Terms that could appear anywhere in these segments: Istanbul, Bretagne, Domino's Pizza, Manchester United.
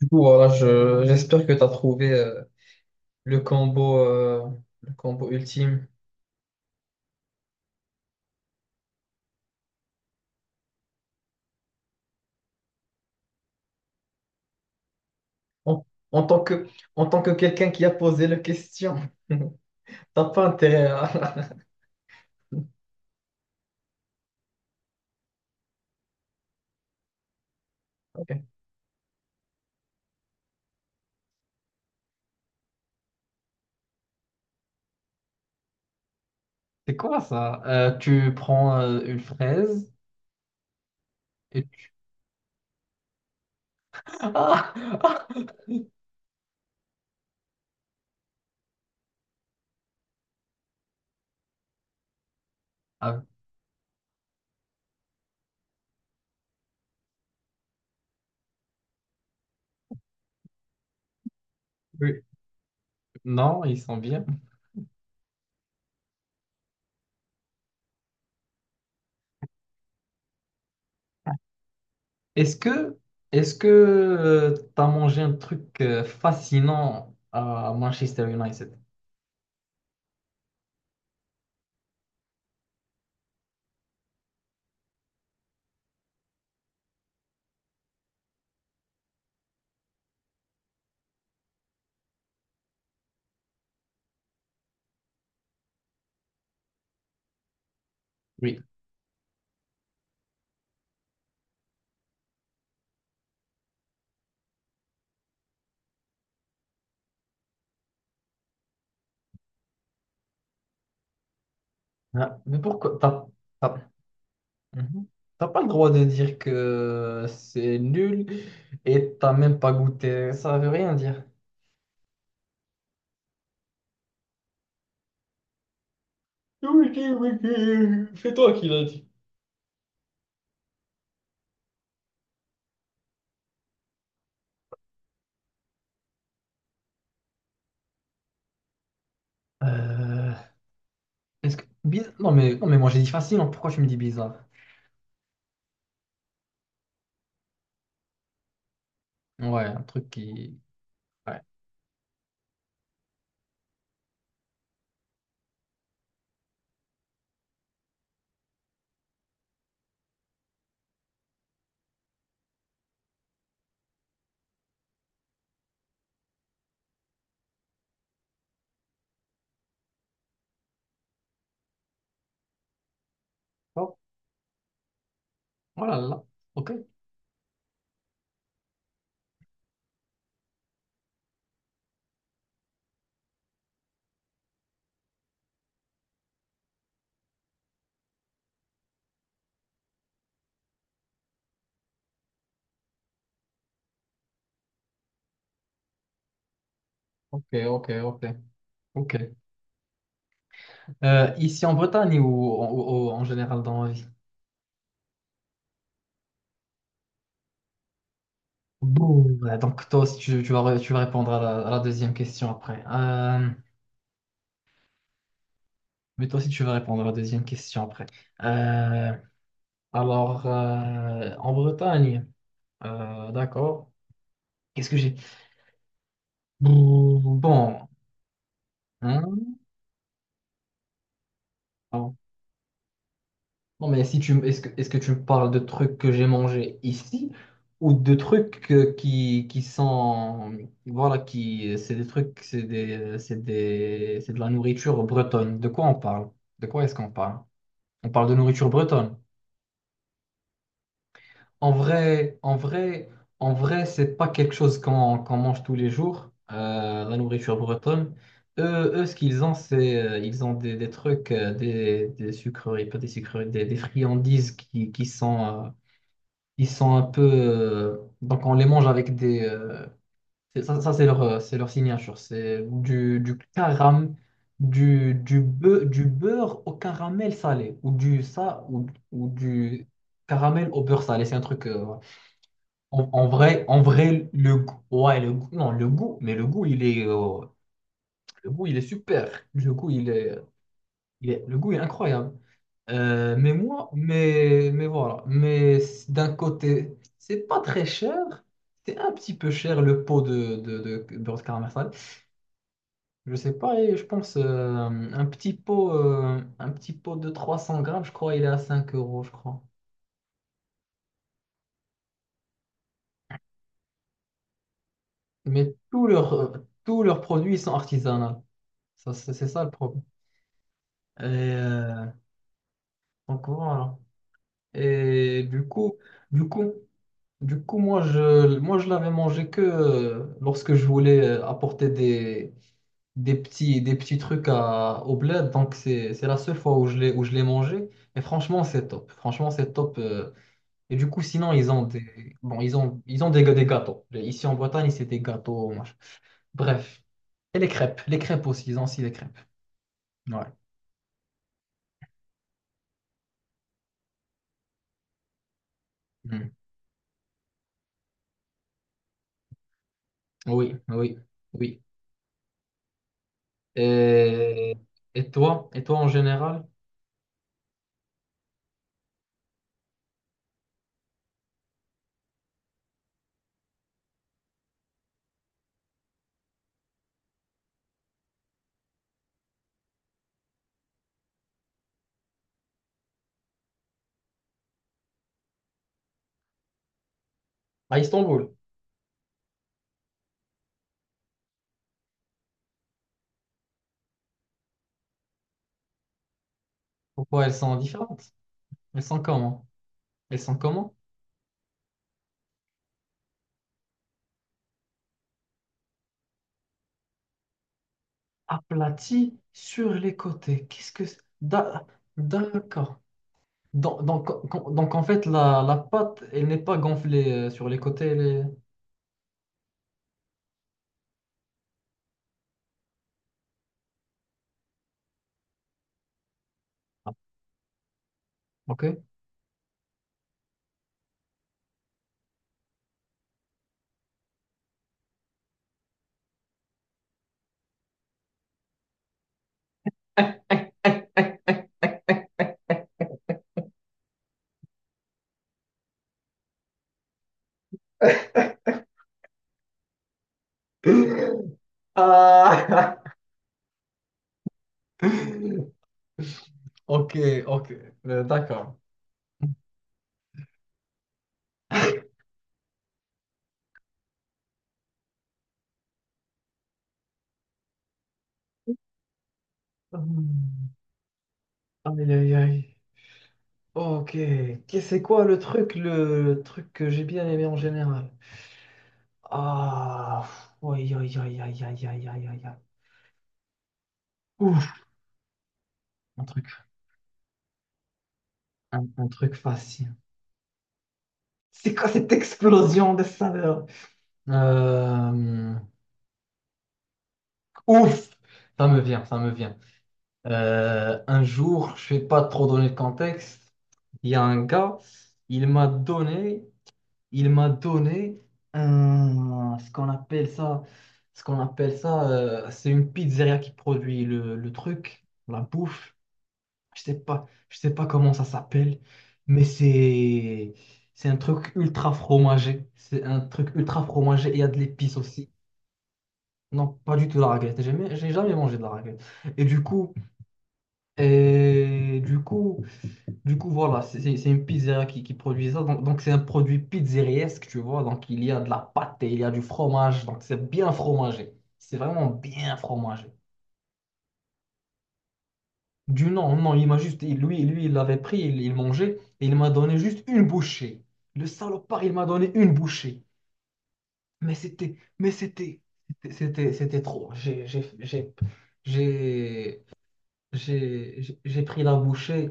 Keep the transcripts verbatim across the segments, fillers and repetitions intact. Du coup, voilà, je, j'espère que tu as trouvé euh, le combo, euh, le combo ultime. En, en tant que, en tant que quelqu'un qui a posé la question, t'as pas intérêt à... Ok. C'est quoi ça? Euh, tu prends euh, une fraise et tu... Ah! Ah, oui. Non, ils sont bien. Est-ce que est-ce que tu t'as mangé un truc euh, fascinant à Manchester United? Oui. Ah, mais pourquoi t'as, t'as- Mhm. T'as pas le droit de dire que c'est nul et t'as même pas goûté. Ça veut rien dire. Oui, oui, oui, oui. C'est toi qui l'as dit. Euh, est-ce que... biz- Non mais, non mais moi j'ai dit facile, hein. Pourquoi tu me dis bizarre? Ouais, un truc qui... Ouais. Oh, oh là là. Ok, ok, ok, ok. ok. Euh, ici en Bretagne ou, en ou- ou en général dans la vie? Bon, ouais, donc toi aussi tu, tu vas, ré- tu vas répondre à la, à la deuxième question après. Euh, Mais toi aussi, tu vas répondre à la deuxième question après. Euh, alors, euh, en Bretagne, euh, d'accord. Qu'est-ce que j'ai? Bon, hein? Non, non, mais si tu, est-ce que, est-ce que tu me parles de trucs que j'ai mangés ici ou de trucs euh, qui, qui sont, voilà, qui, c'est des trucs, c'est des, c'est des, c'est de la nourriture bretonne. De quoi on parle? De quoi est-ce qu'on parle? On parle de nourriture bretonne. En vrai, en vrai, en vrai, c'est pas quelque chose qu'on qu'on mange tous les jours, euh, la nourriture bretonne. Eux, eux, ce qu'ils ont, c'est euh, ils ont des, des trucs, euh, des, des sucreries, pas des sucreries, des, des friandises qui, qui sont, euh, qui sont un peu. euh, donc on les mange avec des. euh, c'est- ça, ça, c'est leur, euh, c'est leur signature. C'est du, du caram, du, du, beu- du beurre au caramel salé, ou du ça, ou, ou du caramel au beurre salé. C'est un truc. euh, en, en vrai, en vrai, le goût, ouais, le goût, non, le goût, mais le goût, il est, euh, le goût, il est super. Le goût, il est, il est- le goût, il est incroyable. Euh, mais moi, mais, mais voilà. Mais c- d'un côté, c'est pas très cher. C'est un petit peu cher le pot de, de, de, beurre de caramel salé. Je sais pas, et je pense euh, un petit pot, euh, un petit pot de trois cents grammes, je crois, il est à cinq euros, je crois. Mais tous leurs, tous leurs produits, ils sont artisanaux. Ça, c'est c'est ça le problème. Elle est euh, en courant alors. Et du coup, du coup, du coup, moi je, moi je l'avais mangé que euh, lorsque je voulais euh, apporter des, des petits, des petits trucs à, au bled. Donc c'est, c'est la seule fois où je l'ai, où je l'ai mangé. Et franchement, c'est top. Franchement, c'est top. Euh. Et du coup, sinon ils ont des, bon, ils ont, ils ont des, des gâteaux. Ici en Bretagne, c'est des gâteaux. Machin. Bref. Et les crêpes, les crêpes aussi. Ils ont aussi les crêpes. Ouais. Mm. Oui, oui, oui. Et, et toi, et toi en général, à Istanbul, pourquoi elles sont différentes? Elles sont comment? Elles sont comment? Aplaties sur les côtés. Qu'est-ce que c'est Da- D'accord. Donc, donc, donc- donc, en fait, la, la pâte, elle n'est pas gonflée euh, sur les côtés. Elle est- Ah, ok. Ah. Ok, ok. Euh, d'accord. Hum, aïe, aïe, aïe. Ok. Qu'est- C'est quoi le truc, le, le truc que j'ai bien aimé en général? Ah, aïe, aïe, aïe, aïe, aïe, aïe, aïe, aïe. Aïe. Ouf, un truc, un, un truc facile. C'est quoi cette explosion de saveurs? Euh, ouf, ça me vient, ça me vient. Euh, un jour, je vais pas trop donner le contexte. Il y a un gars, il m'a donné, il m'a donné un, ce qu'on appelle ça, ce qu'on appelle ça, euh, c'est une pizzeria qui produit le, le truc, la bouffe. Je sais pas, je sais pas comment ça s'appelle, mais c'est c'est un truc ultra fromagé. C'est un truc ultra fromagé. Il y a de l'épice aussi. Non, pas du tout de la raclette. J'ai jamais, j'ai jamais mangé de la raclette. Et du coup, et du coup, du coup, voilà, c'est c'est- c'est une pizzeria qui, qui produit ça. Donc, donc c'est un produit pizzeriesque, tu vois. Donc, il y a de la pâte et il y a du fromage. Donc, c'est bien fromagé. C'est vraiment bien fromagé. Du non, non, il m'a juste, il- lui, lui, il l'avait pris, il, il mangeait, et il m'a donné juste une bouchée. Le salopard, il m'a donné une bouchée. Mais c'était, mais c'était, c'était, c'était c'était trop. J'ai, j'ai, j'ai, j'ai, j'ai j'ai- j'ai pris la bouchée.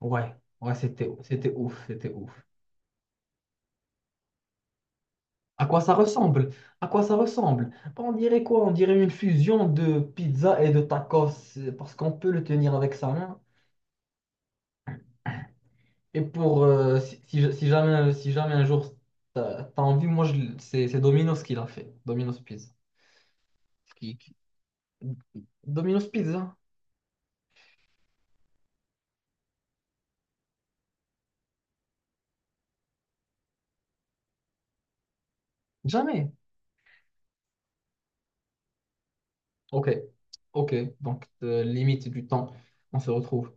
Ouais, ouais, c'était, c'était ouf, c'était ouf. À quoi ça ressemble? À quoi ça ressemble? Bah, on dirait quoi? On dirait une fusion de pizza et de tacos, parce qu'on peut le tenir avec sa main. Et pour euh, si, si- ja- si jamais si jamais un jour t'as t'as envie, moi je- l- c'est c'est Domino's qui l'a fait. Domino's Pizza. Qui, qui- Domino's Pizza? Jamais. Ok. Ok. Donc euh, limite du temps, on se retrouve.